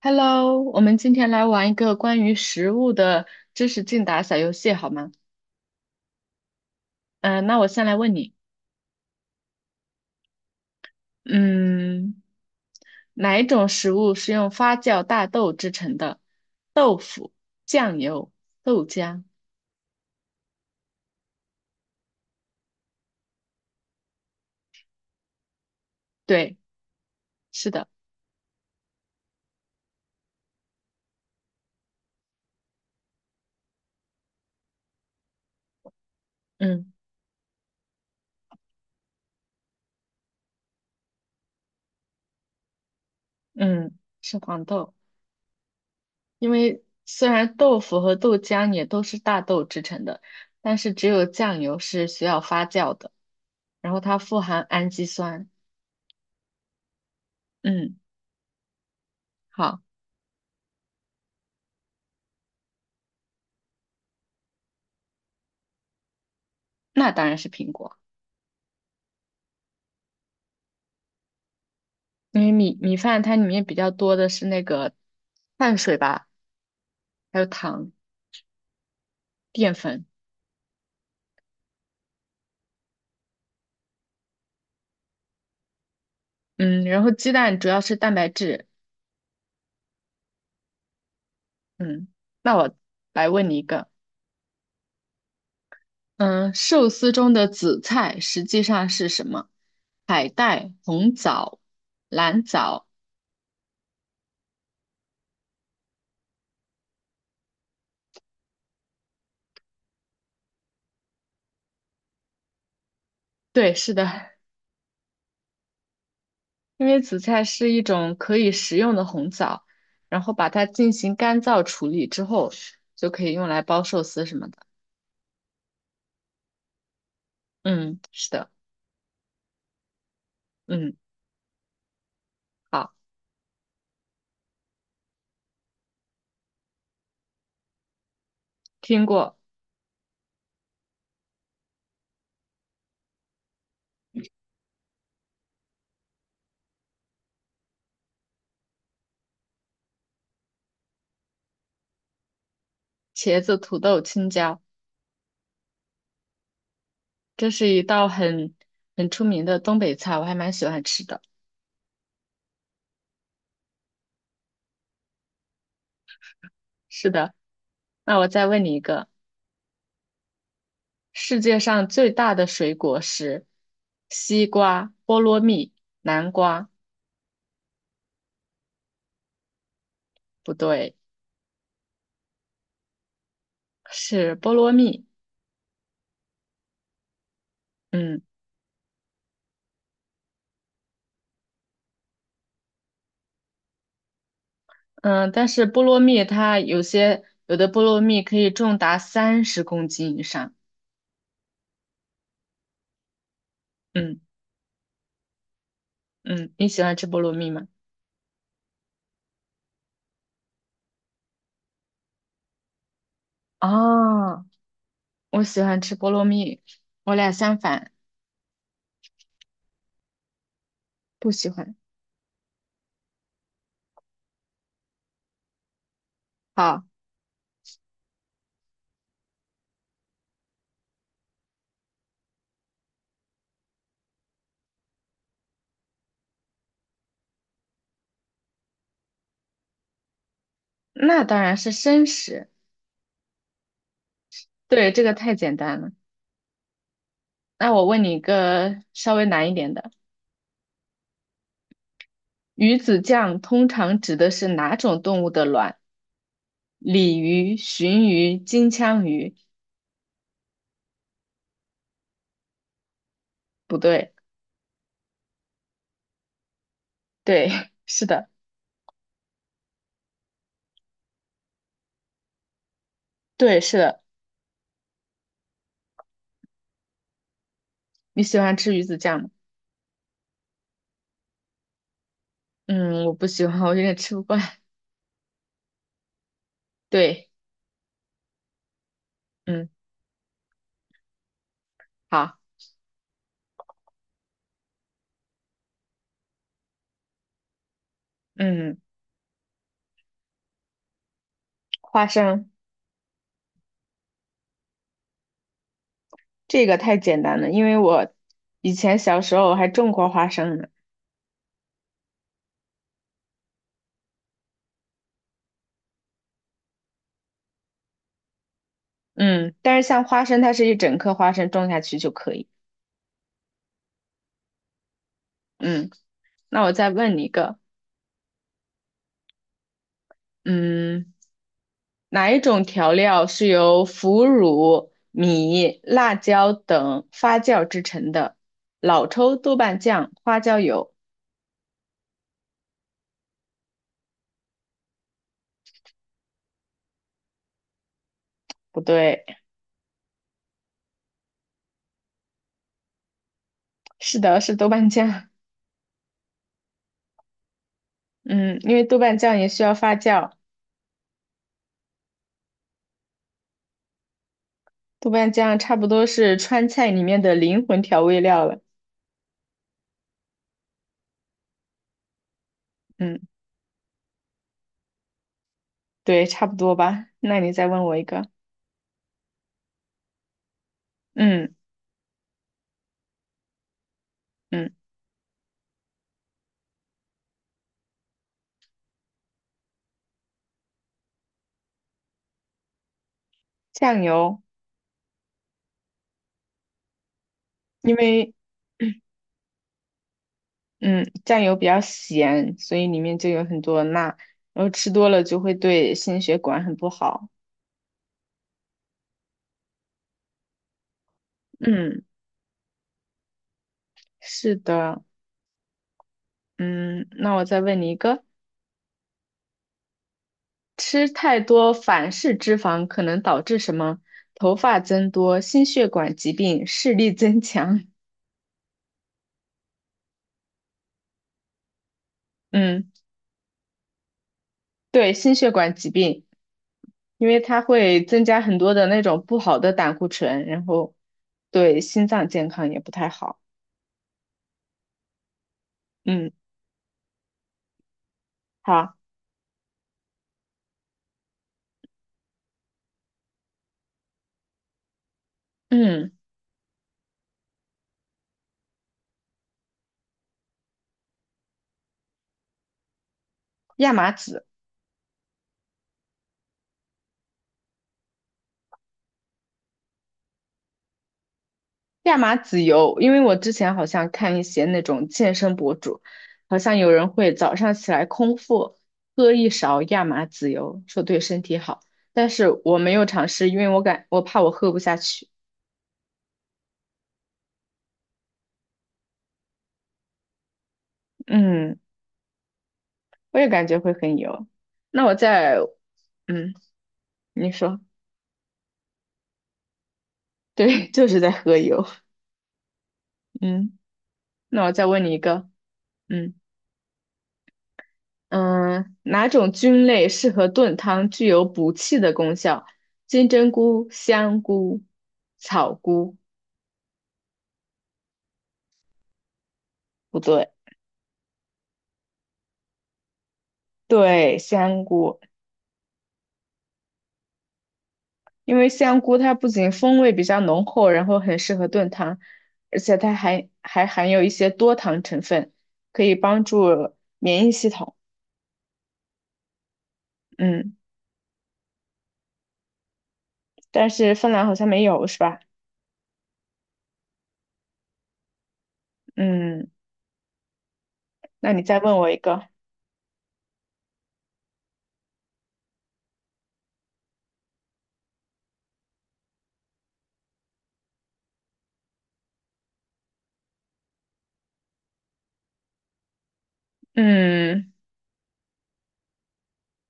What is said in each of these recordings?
Hello，我们今天来玩一个关于食物的知识竞答小游戏，好吗？嗯、那我先来问你，嗯，哪一种食物是用发酵大豆制成的？豆腐、酱油、豆浆。对，是的，嗯嗯，是黄豆。因为虽然豆腐和豆浆也都是大豆制成的，但是只有酱油是需要发酵的，然后它富含氨基酸。嗯，好，那当然是苹果。因为米饭它里面比较多的是那个碳水吧，还有糖、淀粉，嗯，然后鸡蛋主要是蛋白质，嗯，那我来问你一个，嗯，寿司中的紫菜实际上是什么？海带、红枣、蓝藻，对，是的，因为紫菜是一种可以食用的红枣，然后把它进行干燥处理之后，就可以用来包寿司什么的，嗯，是的，嗯，好，听过。茄子、土豆、青椒，这是一道很出名的东北菜，我还蛮喜欢吃的。是的，那我再问你一个，世界上最大的水果是西瓜、菠萝蜜、南瓜，不对，是菠萝蜜。嗯嗯，但是菠萝蜜它有的菠萝蜜可以重达30公斤以上。嗯嗯，你喜欢吃菠萝蜜吗？哦，我喜欢吃菠萝蜜，我俩相反，不喜欢。好。那当然是生食。对，这个太简单了。那我问你一个稍微难一点的，鱼子酱通常指的是哪种动物的卵？鲤鱼、鲟鱼、金枪鱼？不对，对，是的，对，是的。你喜欢吃鱼子酱吗？嗯，我不喜欢，我有点吃不惯。对，嗯，好，嗯，花生这个太简单了，因为我以前小时候还种过花生呢。嗯，但是像花生，它是一整颗花生种下去就可以。嗯，那我再问你一个，嗯，哪一种调料是由腐乳、米、辣椒等发酵制成的？老抽、豆瓣酱、花椒油？不对，是的，是豆瓣酱。嗯，因为豆瓣酱也需要发酵，豆瓣酱差不多是川菜里面的灵魂调味料了。嗯，对，差不多吧。那你再问我一个，嗯嗯，酱油，因为。嗯，酱油比较咸，所以里面就有很多钠，然后吃多了就会对心血管很不好。嗯，是的，嗯，那我再问你一个，吃太多反式脂肪可能导致什么？头发增多、心血管疾病、视力增强。嗯，对，心血管疾病，因为它会增加很多的那种不好的胆固醇，然后对心脏健康也不太好。嗯，好，嗯，亚麻籽。亚麻籽油，因为我之前好像看一些那种健身博主，好像有人会早上起来空腹喝一勺亚麻籽油，说对身体好。但是我没有尝试，因为我怕我喝不下去。嗯，我也感觉会很油。那我再，嗯，你说，对，就是在喝油。嗯，那我再问你一个，嗯。嗯，哪种菌类适合炖汤，具有补气的功效？金针菇、香菇、草菇，不对，对，香菇，因为香菇它不仅风味比较浓厚，然后很适合炖汤，而且它还含有一些多糖成分，可以帮助免疫系统。嗯，但是芬兰好像没有，是吧？嗯，那你再问我一个。嗯，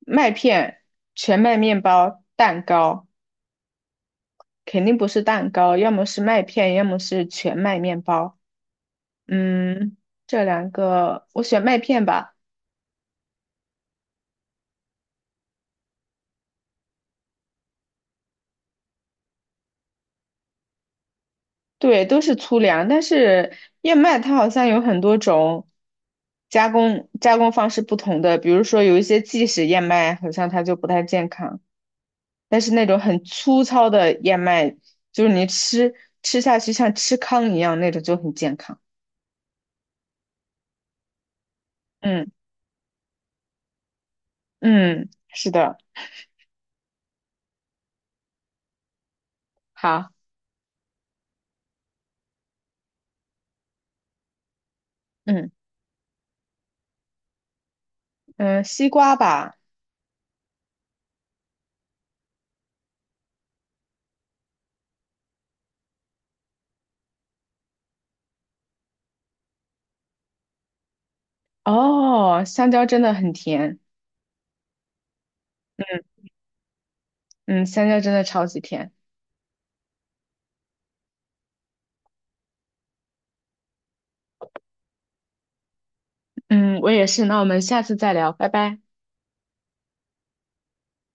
麦片、全麦面包、蛋糕。肯定不是蛋糕，要么是麦片，要么是全麦面包。嗯，这两个我选麦片吧。对，都是粗粮，但是燕麦它好像有很多种加工方式不同的，比如说有一些即食燕麦，好像它就不太健康，但是那种很粗糙的燕麦，就是吃下去像吃糠一样那种就很健康。嗯嗯，是的，好，嗯嗯，西瓜吧。哦，香蕉真的很甜，嗯，香蕉真的超级甜，嗯，我也是，那我们下次再聊，拜拜。